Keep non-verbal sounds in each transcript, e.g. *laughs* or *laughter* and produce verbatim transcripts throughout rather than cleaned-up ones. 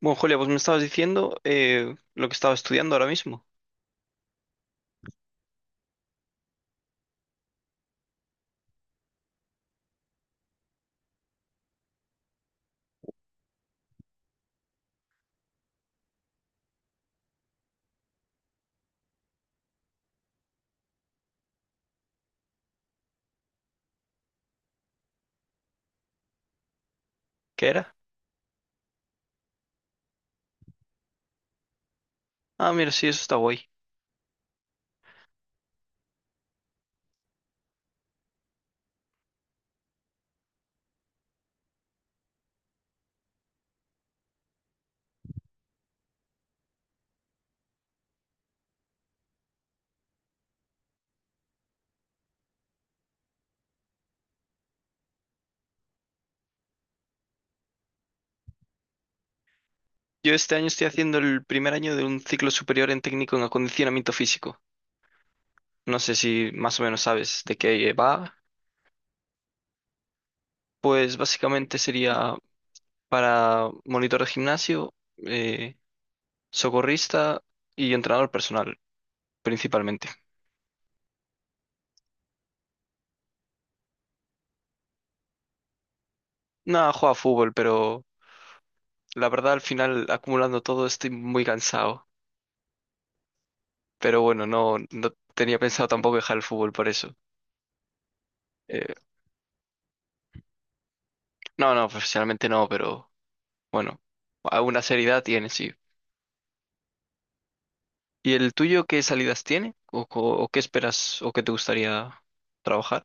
Bueno, Julia, pues me estabas diciendo eh, lo que estaba estudiando ahora mismo. ¿Qué era? Ah, mira, sí, eso está guay. Yo este año estoy haciendo el primer año de un ciclo superior en técnico en acondicionamiento físico. No sé si más o menos sabes de qué va. Pues básicamente sería para monitor de gimnasio, eh, socorrista y entrenador personal, principalmente. Nada, juega fútbol, pero la verdad al final acumulando todo estoy muy cansado. Pero bueno, no, no tenía pensado tampoco dejar el fútbol por eso. Eh, no, no, profesionalmente no, pero bueno, alguna seriedad tiene, sí. ¿Y el tuyo qué salidas tiene? ¿O co- o qué esperas o qué te gustaría trabajar?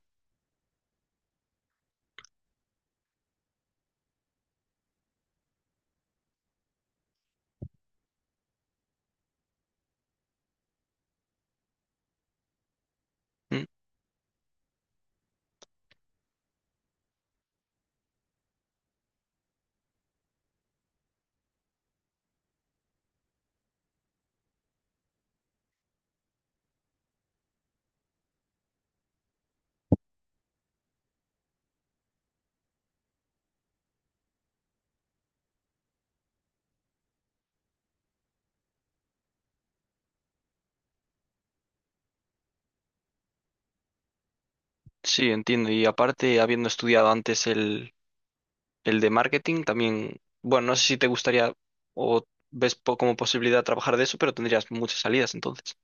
¿Mm? Sí, entiendo. Y aparte, habiendo estudiado antes el el de marketing también, bueno, no sé si te gustaría o ves po- como posibilidad trabajar de eso, pero tendrías muchas salidas entonces.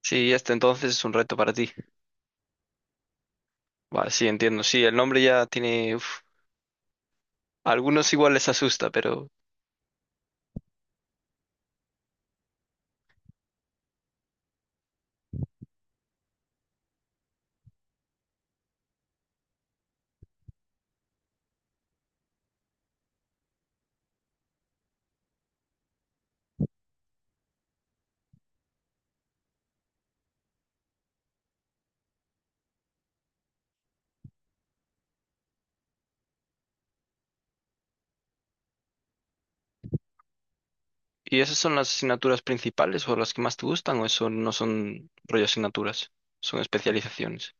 Sí, este entonces es un reto para ti. Va, sí, entiendo. Sí, el nombre ya tiene, uf, a algunos igual les asusta. Pero... ¿Y esas son las asignaturas principales o las que más te gustan o eso no son rollo asignaturas? Son especializaciones.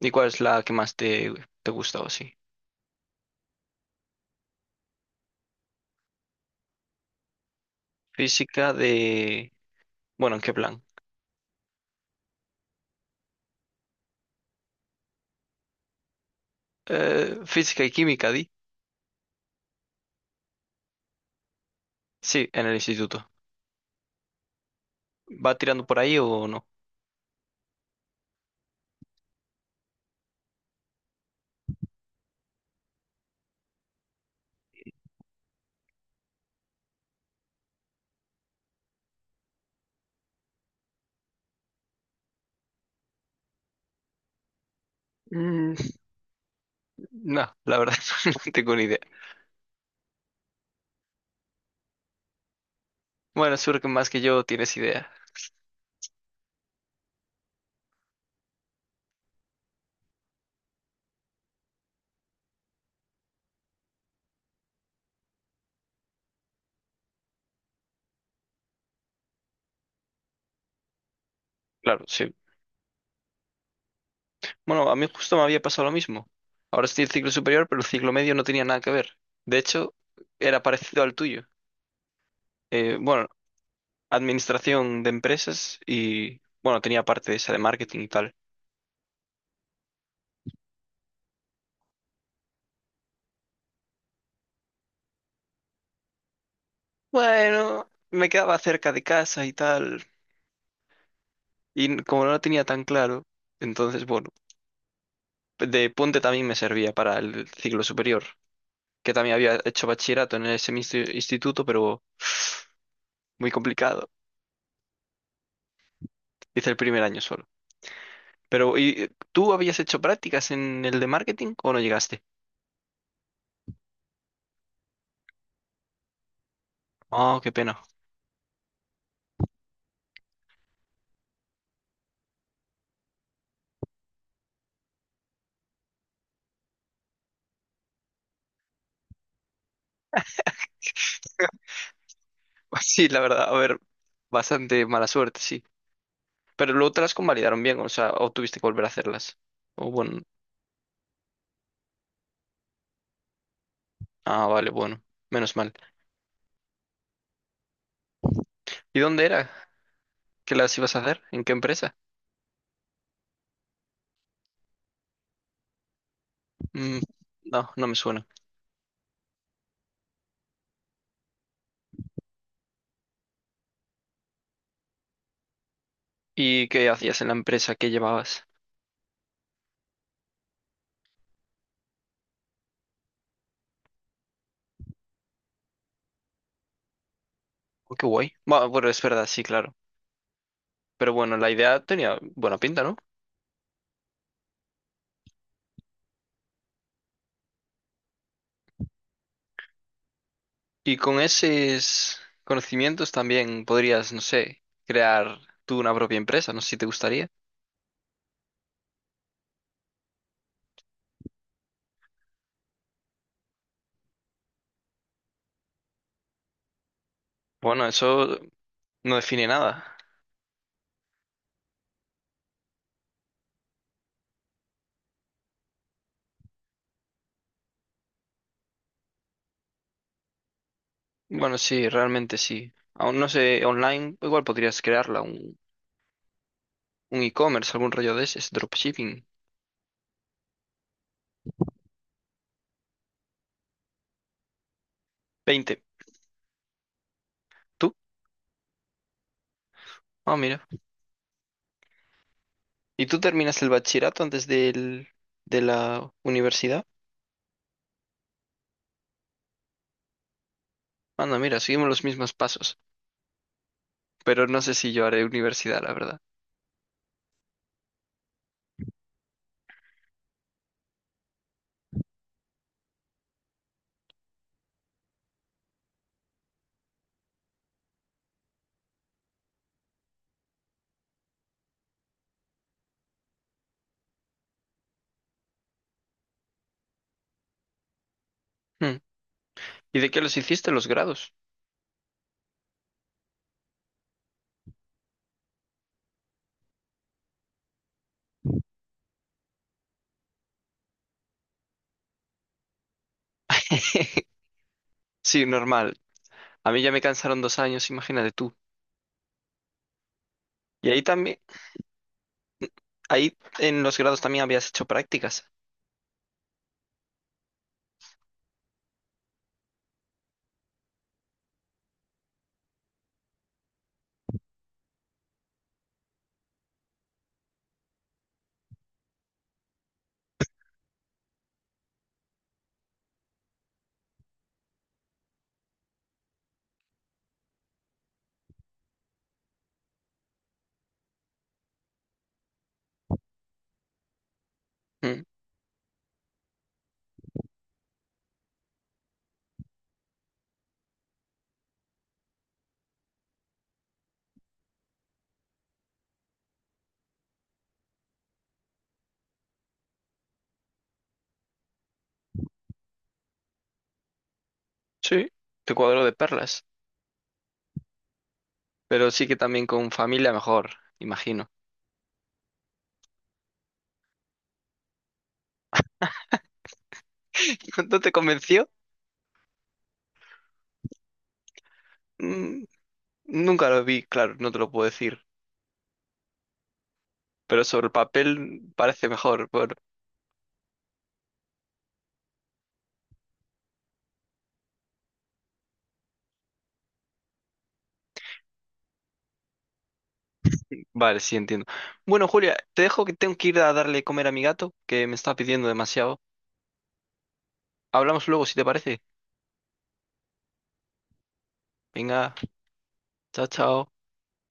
¿Y cuál es la que más te, te gusta o así? Física de. Bueno, ¿en qué plan? Eh, física y química, di. Sí, en el instituto. ¿Va tirando por ahí o no? Mm. *laughs* No, la verdad, *laughs* no tengo ni idea. Bueno, seguro que más que yo tienes idea. Claro, sí. Bueno, a mí justo me había pasado lo mismo. Ahora estoy en ciclo superior, pero el ciclo medio no tenía nada que ver. De hecho, era parecido al tuyo. Eh, bueno, administración de empresas y, bueno, tenía parte de esa de marketing y tal. Bueno, me quedaba cerca de casa y tal. Y n- como no lo tenía tan claro, entonces, bueno, de puente también me servía para el ciclo superior. Que también había hecho bachillerato en ese mismo instituto, pero muy complicado. Hice el primer año solo. Pero, ¿y tú habías hecho prácticas en el de marketing o no llegaste? Oh, qué pena. *laughs* Sí, la verdad, a ver, bastante mala suerte, sí. Pero luego te las convalidaron bien, o sea, o tuviste que volver a hacerlas. O bueno, ah, vale, bueno, menos mal. ¿Y dónde era que las ibas a hacer? ¿En qué empresa? Mm, no, no me suena. ¿Y qué hacías en la empresa que llevabas? Oh, qué guay. Bueno, bueno, es verdad, sí, claro. Pero bueno, la idea tenía buena pinta, ¿no? Y con esos conocimientos también podrías, no sé, crear tú una propia empresa, no sé si te gustaría. Bueno, eso no define nada. Bueno, sí, realmente sí. Aún no sé, online igual podrías crearla, un, un e-commerce, algún rollo de ese, es dropshipping. Veinte. ¿Tú? Ah, mira. ¿Y tú terminas el bachillerato antes del, de la universidad? Anda, mira, seguimos los mismos pasos. Pero no sé si yo haré universidad, la verdad. Hmm. ¿Y de qué los hiciste los grados? *laughs* Sí, normal. A mí ya me cansaron dos años, imagínate tú. Y ahí también, ahí en los grados también habías hecho prácticas. Mm. Sí, te cuadro de perlas. Pero sí que también con familia mejor, imagino. *laughs* ¿No te convenció? Mm. Nunca lo vi, claro, no te lo puedo decir. Pero sobre el papel parece mejor. por- Vale, sí, entiendo. Bueno, Julia, te dejo que tengo que ir a darle comer a mi gato, que me está pidiendo demasiado. Hablamos luego, si te parece. Venga, chao, chao.